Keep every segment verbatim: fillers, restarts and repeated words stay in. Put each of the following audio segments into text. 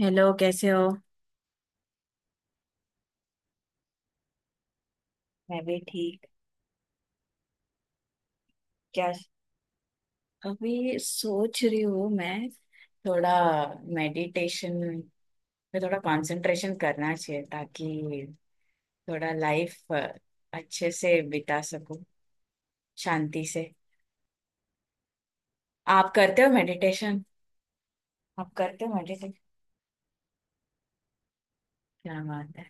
Hello, कैसे हो। मैं भी ठीक। क्या? अभी सोच रही हूँ मैं। थोड़ा मेडिटेशन पे थोड़ा कंसंट्रेशन करना चाहिए ताकि थोड़ा लाइफ अच्छे से बिता सकूं, शांति से। आप करते हो मेडिटेशन? आप करते हो मेडिटेशन? क्या बात है।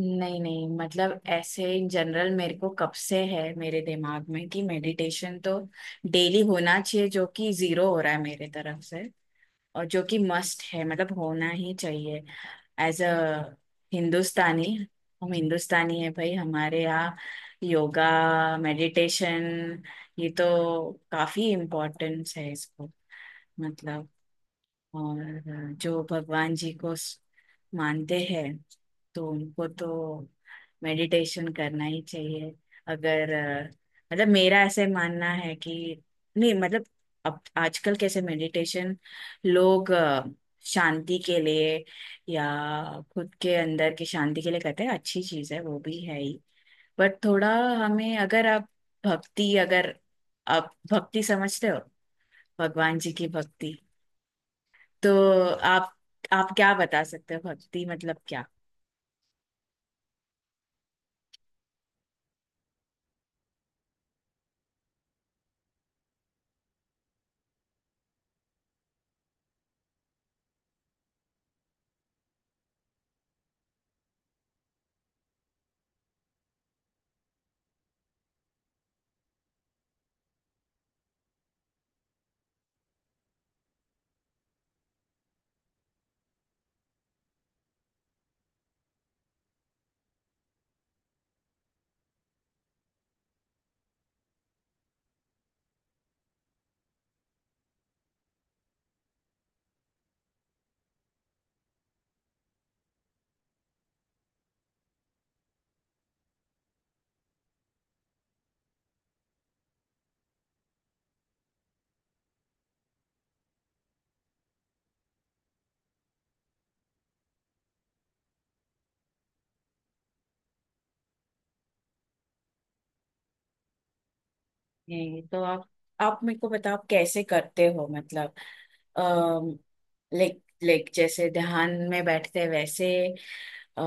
नहीं नहीं, मतलब ऐसे इन जनरल मेरे को कब से है मेरे दिमाग में कि मेडिटेशन तो डेली होना चाहिए, जो कि जीरो हो रहा है मेरे तरफ से। और जो कि मस्ट है, मतलब होना ही चाहिए। एज अ हिंदुस्तानी, हम हिंदुस्तानी है भाई, हमारे यहाँ योगा, मेडिटेशन, ये तो काफी इम्पोर्टेंस है इसको। मतलब और जो भगवान जी को स- मानते हैं, तो उनको तो मेडिटेशन करना ही चाहिए। अगर अ, मतलब मेरा ऐसे मानना है कि नहीं, मतलब अब आजकल कैसे मेडिटेशन लोग अ, शांति के लिए या खुद के अंदर की शांति के लिए करते हैं, अच्छी चीज है, वो भी है ही। बट थोड़ा हमें, अगर आप भक्ति, अगर आप भक्ति समझते हो, भगवान जी की भक्ति, तो आप आप क्या बता सकते हो भक्ति मतलब क्या? ये तो आप आप मेरे को बताओ, आप कैसे करते हो, मतलब लाइक लाइक जैसे ध्यान में बैठते हैं, वैसे, अ,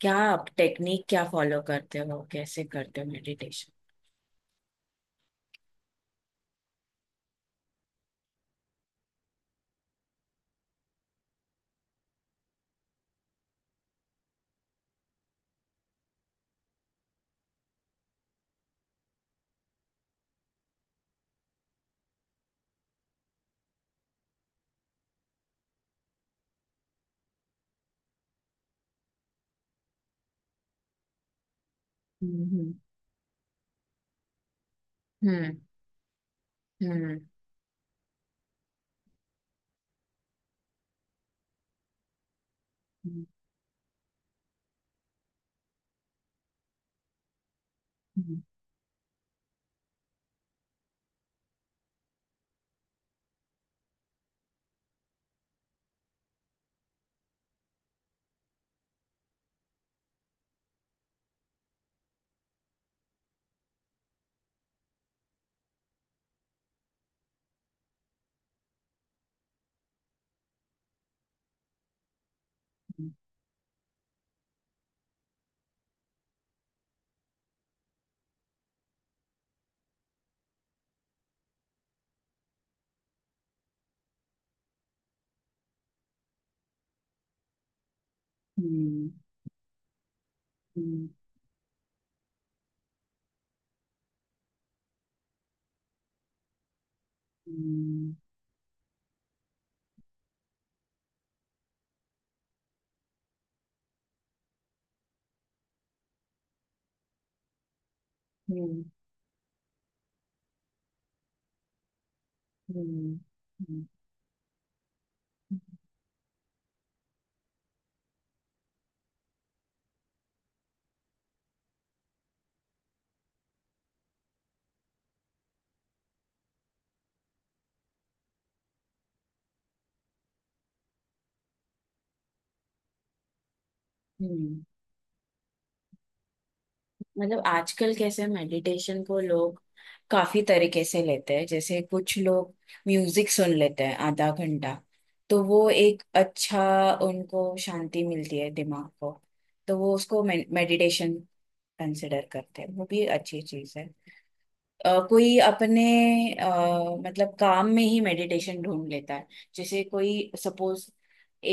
क्या आप टेक्निक क्या फॉलो करते हो, कैसे करते हो मेडिटेशन? हम्म। हम्म। हम्म। हम्म। हम्म। हम्म। हम्म। हम्म। हम्म। हम्म। हम्म। हम्म। मतलब आजकल कैसे मेडिटेशन को लोग काफी तरीके से लेते हैं। जैसे कुछ लोग म्यूजिक सुन लेते हैं आधा घंटा, तो वो एक अच्छा, उनको शांति मिलती है दिमाग को, तो वो उसको मेडिटेशन कंसिडर करते हैं। वो भी अच्छी चीज है। अ, कोई अपने, अ, मतलब काम में ही मेडिटेशन ढूंढ लेता है। जैसे कोई सपोज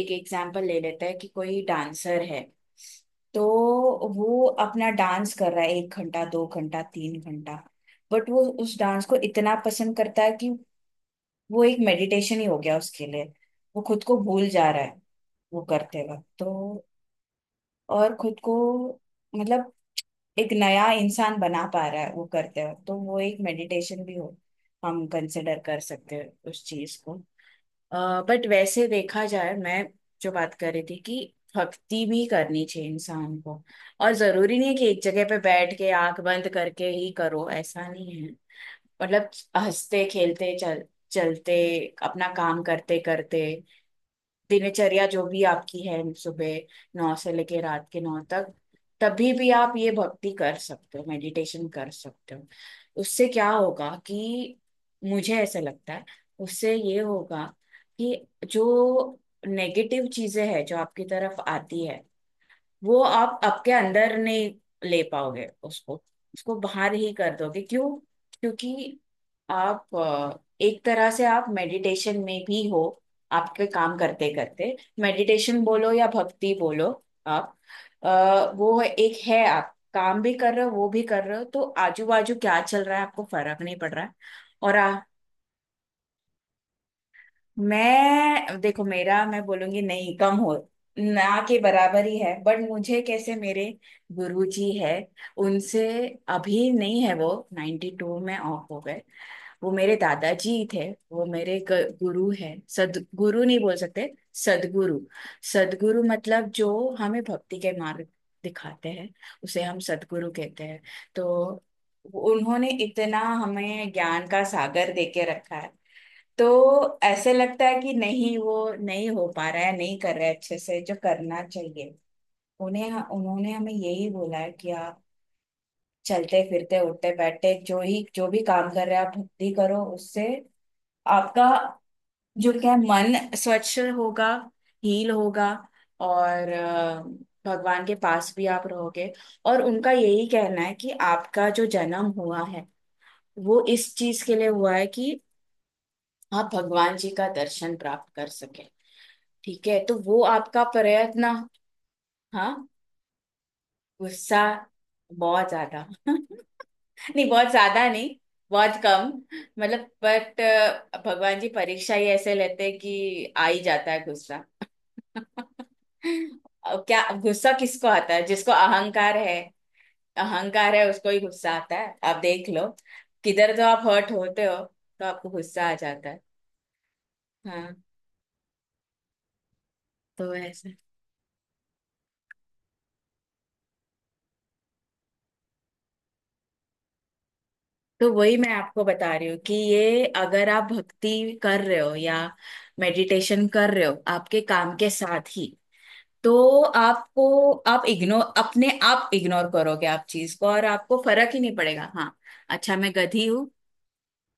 एक एग्जांपल ले लेता है कि कोई डांसर है, तो वो अपना डांस कर रहा है एक घंटा, दो घंटा, तीन घंटा, बट वो उस डांस को इतना पसंद करता है कि वो एक मेडिटेशन ही हो गया उसके लिए। वो खुद को भूल जा रहा है वो करते वक्त, तो और खुद को, मतलब एक नया इंसान बना पा रहा है वो करते हो, तो वो एक मेडिटेशन भी हो, हम कंसिडर कर सकते हैं उस चीज को। बट वैसे देखा जाए, मैं जो बात कर रही थी कि भक्ति भी करनी चाहिए इंसान को, और जरूरी नहीं है कि एक जगह पे बैठ के आंख बंद करके ही करो, ऐसा नहीं है। मतलब हंसते खेलते चल चलते अपना काम करते करते, दिनचर्या जो भी आपकी है, सुबह नौ से लेके रात के नौ तक, तभी भी आप ये भक्ति कर सकते हो, मेडिटेशन कर सकते हो। उससे क्या होगा कि, मुझे ऐसा लगता है, उससे ये होगा कि जो नेगेटिव चीजें हैं जो आपकी तरफ आती है, वो आप आपके अंदर नहीं ले पाओगे उसको, उसको बाहर ही कर दोगे। क्यों? क्योंकि आप अ, एक तरह से आप मेडिटेशन में भी हो आपके काम करते करते। मेडिटेशन बोलो या भक्ति बोलो, आप अ, वो एक है, आप काम भी कर रहे हो, वो भी कर रहे हो, तो आजू बाजू क्या चल रहा है आपको फर्क नहीं पड़ रहा है। और मैं, देखो मेरा, मैं बोलूंगी नहीं कम हो, ना के बराबर ही है, बट मुझे, कैसे, मेरे गुरुजी है, उनसे, अभी नहीं है वो, नाइंटी टू में ऑफ हो गए। वो मेरे दादाजी थे, वो मेरे ग- गुरु है। सदगुरु, नहीं बोल सकते सदगुरु। सदगुरु मतलब जो हमें भक्ति के मार्ग दिखाते हैं, उसे हम सदगुरु कहते हैं। तो उन्होंने इतना हमें ज्ञान का सागर देके रखा है, तो ऐसे लगता है कि नहीं, वो नहीं हो पा रहा है, नहीं कर रहा है अच्छे से जो करना चाहिए। उन्हें, उन्होंने हमें यही बोला है कि आप चलते फिरते उठते बैठते जो ही, जो भी काम कर रहे हैं, आप भक्ति करो, उससे आपका जो क्या है, मन स्वच्छ होगा, हील होगा, और अ, भगवान के पास भी आप रहोगे। और उनका यही कहना है कि आपका जो जन्म हुआ है, वो इस चीज के लिए हुआ है कि आप भगवान जी का दर्शन प्राप्त कर सके। ठीक है, तो वो आपका प्रयत्न। हाँ। गुस्सा? बहुत ज्यादा नहीं, बहुत ज्यादा नहीं, बहुत कम। मतलब बट भगवान जी परीक्षा ही ऐसे लेते हैं कि आ ही जाता है गुस्सा अब क्या, गुस्सा किसको आता है? जिसको अहंकार है। अहंकार है उसको ही गुस्सा आता है, आप देख लो। किधर तो आप हर्ट होते हो, तो आपको गुस्सा आ जाता है। हाँ। तो ऐसा, तो वही मैं आपको बता रही हूँ कि ये अगर आप भक्ति कर रहे हो या मेडिटेशन कर रहे हो आपके काम के साथ ही, तो आपको, आप इग्नोर, अपने आप इग्नोर करोगे आप चीज को, और आपको फर्क ही नहीं पड़ेगा। हाँ, अच्छा, मैं गधी हूँ,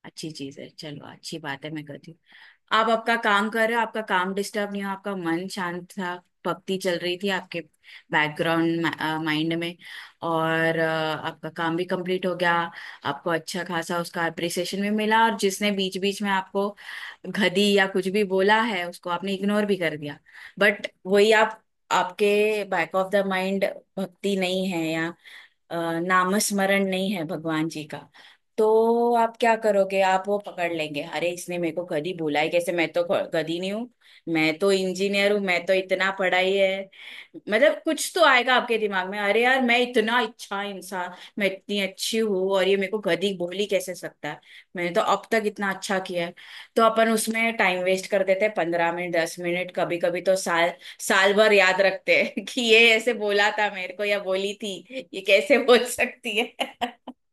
अच्छी चीज है, चलो अच्छी बात है, मैं गधी हूँ। आप आपका काम कर रहे हो, आपका काम डिस्टर्ब नहीं हो, आपका मन शांत था, भक्ति चल रही थी आपके बैकग्राउंड माइंड में, और अ, आपका काम भी कंप्लीट हो गया, आपको अच्छा खासा उसका अप्रिसिएशन भी मिला, और जिसने बीच बीच में आपको गधी या कुछ भी बोला है उसको आपने इग्नोर भी कर दिया। बट वही आप आपके बैक ऑफ द माइंड भक्ति नहीं है, या अ, नामस्मरण नहीं है भगवान जी का, तो आप क्या करोगे, आप वो पकड़ लेंगे, अरे इसने मेरे को गधी बोला ही कैसे, मैं तो ख- गधी नहीं हूँ, मैं तो इंजीनियर हूँ, मैं तो इतना पढ़ाई है। मतलब कुछ तो आएगा आपके दिमाग में, अरे यार, मैं इतना अच्छा इंसान, मैं इतनी अच्छी हूँ, और ये मेरे को गधी बोल ही कैसे सकता है, मैंने तो अब तक इतना अच्छा किया है। तो अपन उसमें टाइम वेस्ट कर देते हैं, पंद्रह मिनट, दस मिनट, कभी कभी तो साल, साल भर याद रखते हैं कि ये ऐसे बोला था मेरे को, या बोली थी, ये कैसे बोल सकती है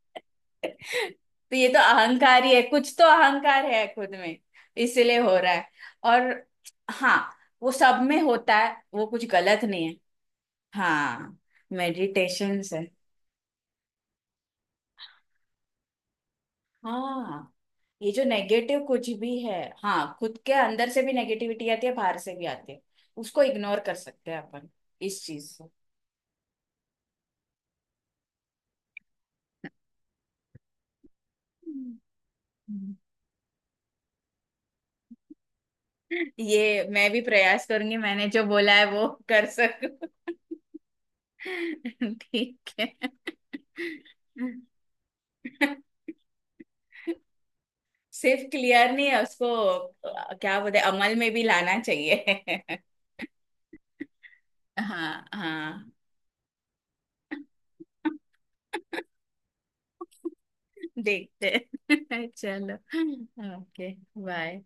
तो ये तो अहंकार ही है, कुछ तो अहंकार है खुद में, इसलिए हो रहा है। और हाँ, वो सब में होता है, वो कुछ गलत नहीं है। हाँ, मेडिटेशन। हाँ, ये जो नेगेटिव कुछ भी है, हाँ, खुद के अंदर से भी नेगेटिविटी आती है, बाहर से भी आती है, उसको इग्नोर कर सकते हैं अपन इस चीज से। हम्म। ये मैं भी प्रयास करूंगी, मैंने जो बोला है वो कर सकूं ठीक है। सिर्फ क्लियर नहीं है उसको, अ, क्या बोलते हैं, अमल में भी लाना चाहिए हाँ हाँ, देखते हैं चलो, ओके, बाय।